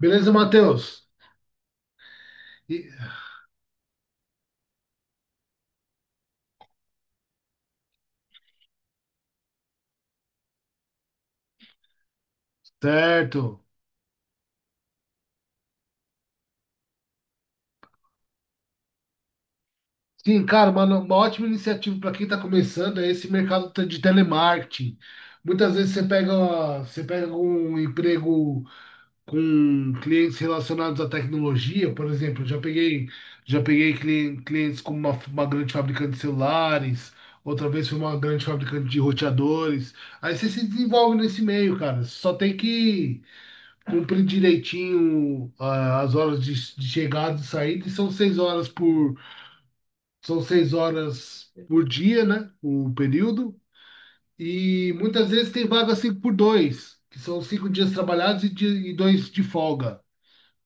Beleza, Matheus? E- Certo. Sim, cara, uma ótima iniciativa para quem está começando é esse de telemarketing. Muitas vezes você pega um emprego com clientes relacionados à tecnologia, por exemplo, já peguei clientes com uma grande fabricante de celulares, outra vez foi uma grande fabricante de roteadores. Aí você se desenvolve nesse meio, cara. Só tem que cumpre direitinho as horas de chegada e saída, e são seis horas por dia, né? O período. E muitas vezes tem vaga cinco por dois, que são cinco dias trabalhados e dois de folga.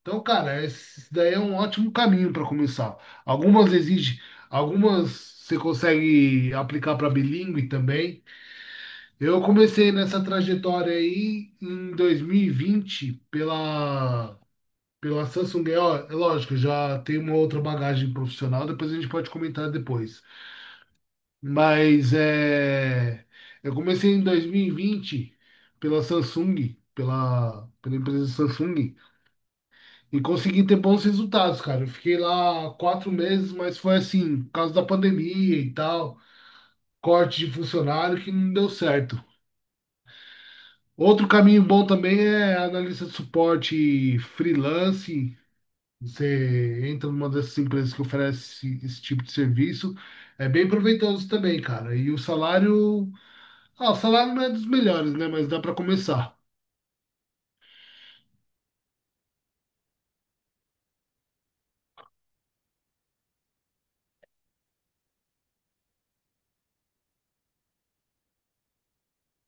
Então, cara, isso daí é um ótimo caminho para começar. Algumas exigem algumas você consegue aplicar para bilíngue também. Eu comecei nessa trajetória aí em 2020 pela Samsung, é, ó, é lógico, já tem uma outra bagagem profissional, depois a gente pode comentar depois. Mas é, eu comecei em 2020 pela Samsung, pela empresa Samsung, e consegui ter bons resultados, cara. Eu fiquei lá quatro meses, mas foi assim, por causa da pandemia e tal, corte de funcionário que não deu certo. Outro caminho bom também é analista de suporte freelance. Você entra numa dessas empresas que oferece esse tipo de serviço, é bem proveitoso também, cara. E o salário, ah, o salário não é dos melhores, né? Mas dá para começar.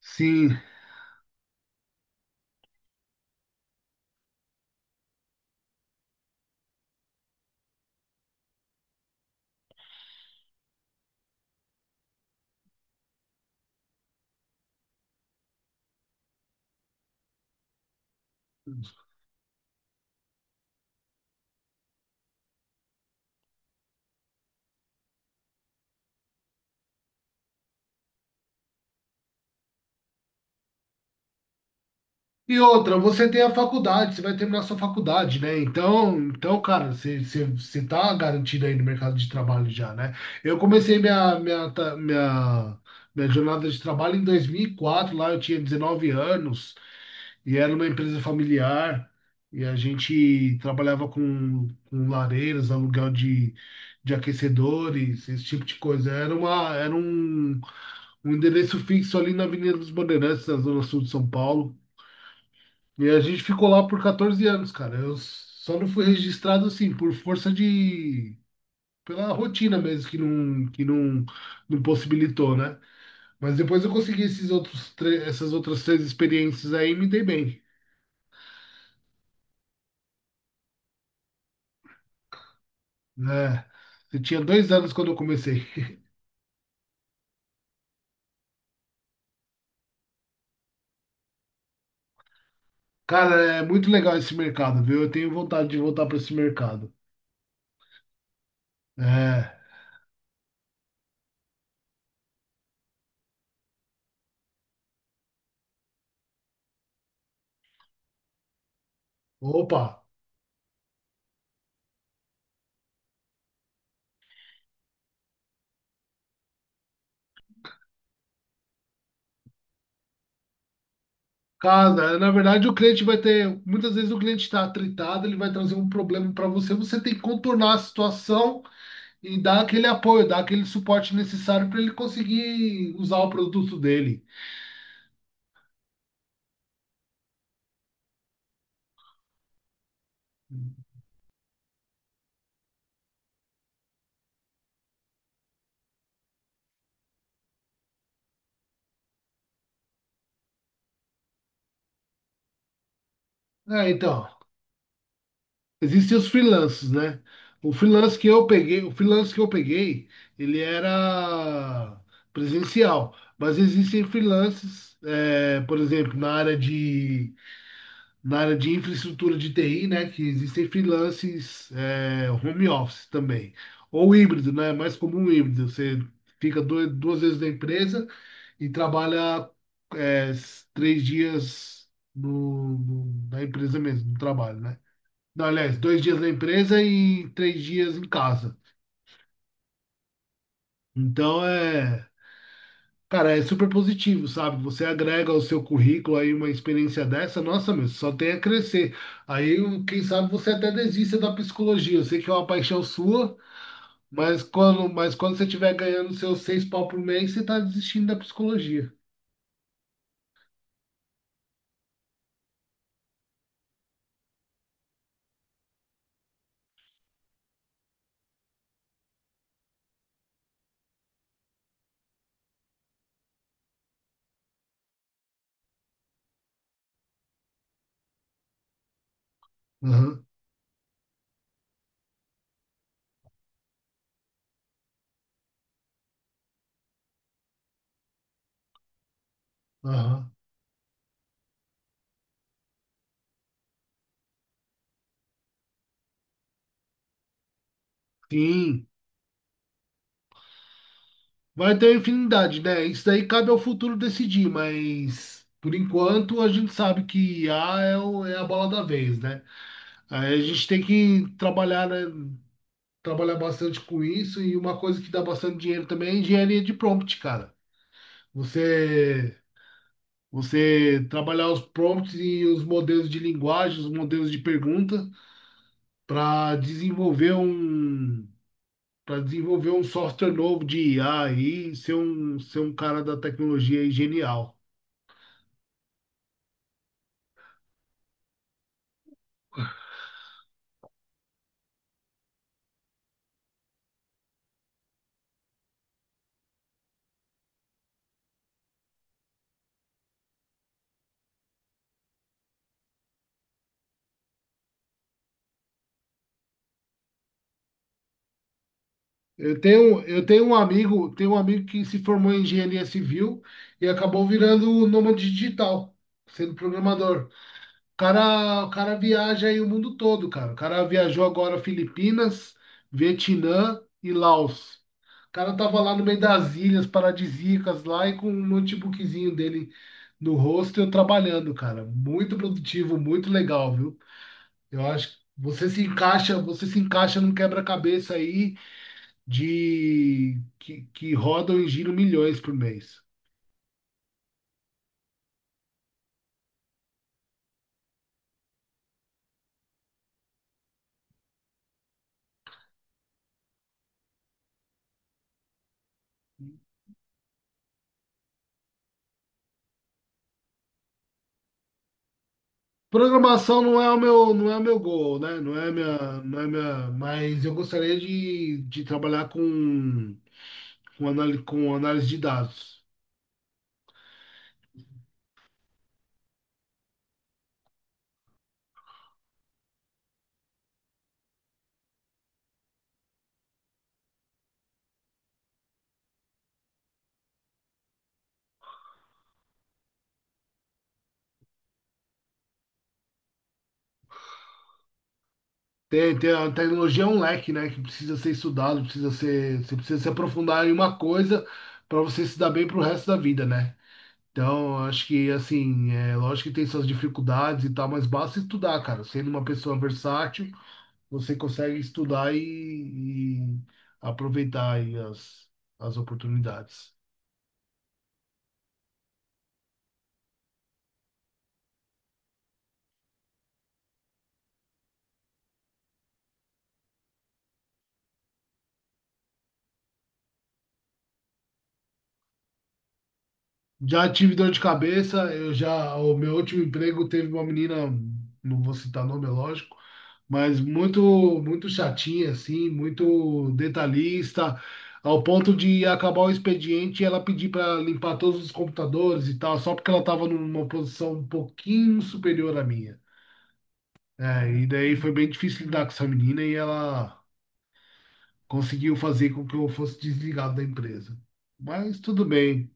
Sim. E outra, você tem a faculdade, você vai terminar sua faculdade, né? Então, então, cara, você tá garantido aí no mercado de trabalho já, né? Eu comecei minha jornada de trabalho em 2004, lá eu tinha 19 anos. E era uma empresa familiar, e a gente trabalhava com lareiras, aluguel de aquecedores, esse tipo de coisa. Era uma, era um, um endereço fixo ali na Avenida dos Bandeirantes, na Zona Sul de São Paulo. E a gente ficou lá por 14 anos, cara. Eu só não fui registrado assim, por força de. Pela rotina mesmo, que não, não possibilitou, né? Mas depois eu consegui esses essas outras três experiências aí e me dei bem. É, eu tinha dois anos quando eu comecei. Cara, é muito legal esse mercado, viu? Eu tenho vontade de voltar para esse mercado. É. Opa. Cara, na verdade o cliente vai ter. Muitas vezes o cliente está tritado, ele vai trazer um problema para você. Você tem que contornar a situação e dar aquele apoio, dar aquele suporte necessário para ele conseguir usar o produto dele. É, então. Existem os freelances, né? O freelance que eu peguei, ele era presencial, mas existem freelances, é, por exemplo, na área de infraestrutura de TI, né? Que existem freelances, é, home office também, ou híbrido, né? É mais comum híbrido, você fica dois, duas vezes na empresa e trabalha, três dias na empresa mesmo, no trabalho, né? Não, aliás, dois dias na empresa e três dias em casa. Então é, cara, é super positivo, sabe? Você agrega ao seu currículo aí uma experiência dessa, nossa, meu, só tem a crescer. Aí, um, quem sabe você até desista da psicologia. Eu sei que é uma paixão sua, mas quando você estiver ganhando seus seis pau por mês, você tá desistindo da psicologia. Aham, aham. Sim. Vai ter infinidade, né? Isso daí cabe ao futuro decidir, mas por enquanto a gente sabe que IA é, é a bola da vez, né? Aí a gente tem que trabalhar, né? Trabalhar bastante com isso e uma coisa que dá bastante dinheiro também é engenharia de prompt, cara. Você, você trabalhar os prompts e os modelos de linguagem, os modelos de pergunta para desenvolver um para desenvolver um software novo de IA e ser um cara da tecnologia aí genial. Eu tenho um amigo que se formou em engenharia civil e acabou virando nômade digital, sendo programador. O cara viaja aí o mundo todo, cara. O cara viajou agora Filipinas, Vietnã e Laos. O cara tava lá no meio das ilhas paradisíacas lá e com um notebookzinho dele no rosto, trabalhando, cara. Muito produtivo, muito legal, viu? Eu acho que você se encaixa num quebra-cabeça aí de que rodam e giram milhões por mês. Programação não é o meu, não é o meu goal, né? Não é minha, não é minha, mas eu gostaria de trabalhar com análise de dados. Tem, tem a tecnologia é um leque, né? Que precisa ser estudado, precisa ser, você precisa se aprofundar em uma coisa para você se dar bem para o resto da vida, né? Então, acho que, assim, é lógico que tem suas dificuldades e tal, mas basta estudar, cara. Sendo uma pessoa versátil, você consegue estudar e aproveitar aí as oportunidades. Já tive dor de cabeça, eu já, o meu último emprego teve uma menina, não vou citar nome, é lógico, mas muito, muito chatinha, assim, muito detalhista, ao ponto de acabar o expediente e ela pedir para limpar todos os computadores e tal, só porque ela estava numa posição um pouquinho superior à minha. É, e daí foi bem difícil lidar com essa menina e ela conseguiu fazer com que eu fosse desligado da empresa. Mas tudo bem,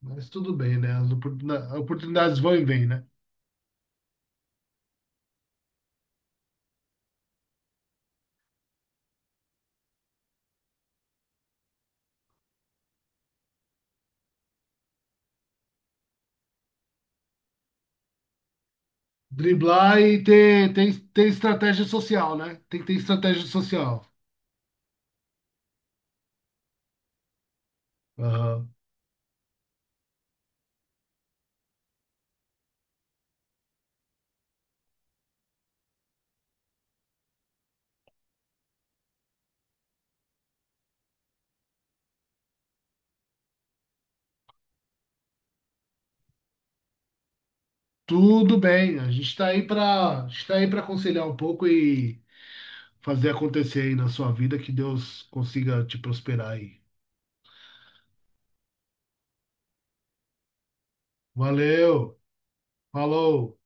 mas tudo bem, né? As oportunidades vão e vêm, né? Driblar e ter estratégia social, né? Tem que ter estratégia social. Aham. Tudo bem, a gente está aí para aconselhar um pouco e fazer acontecer aí na sua vida, que Deus consiga te prosperar aí. Valeu, falou.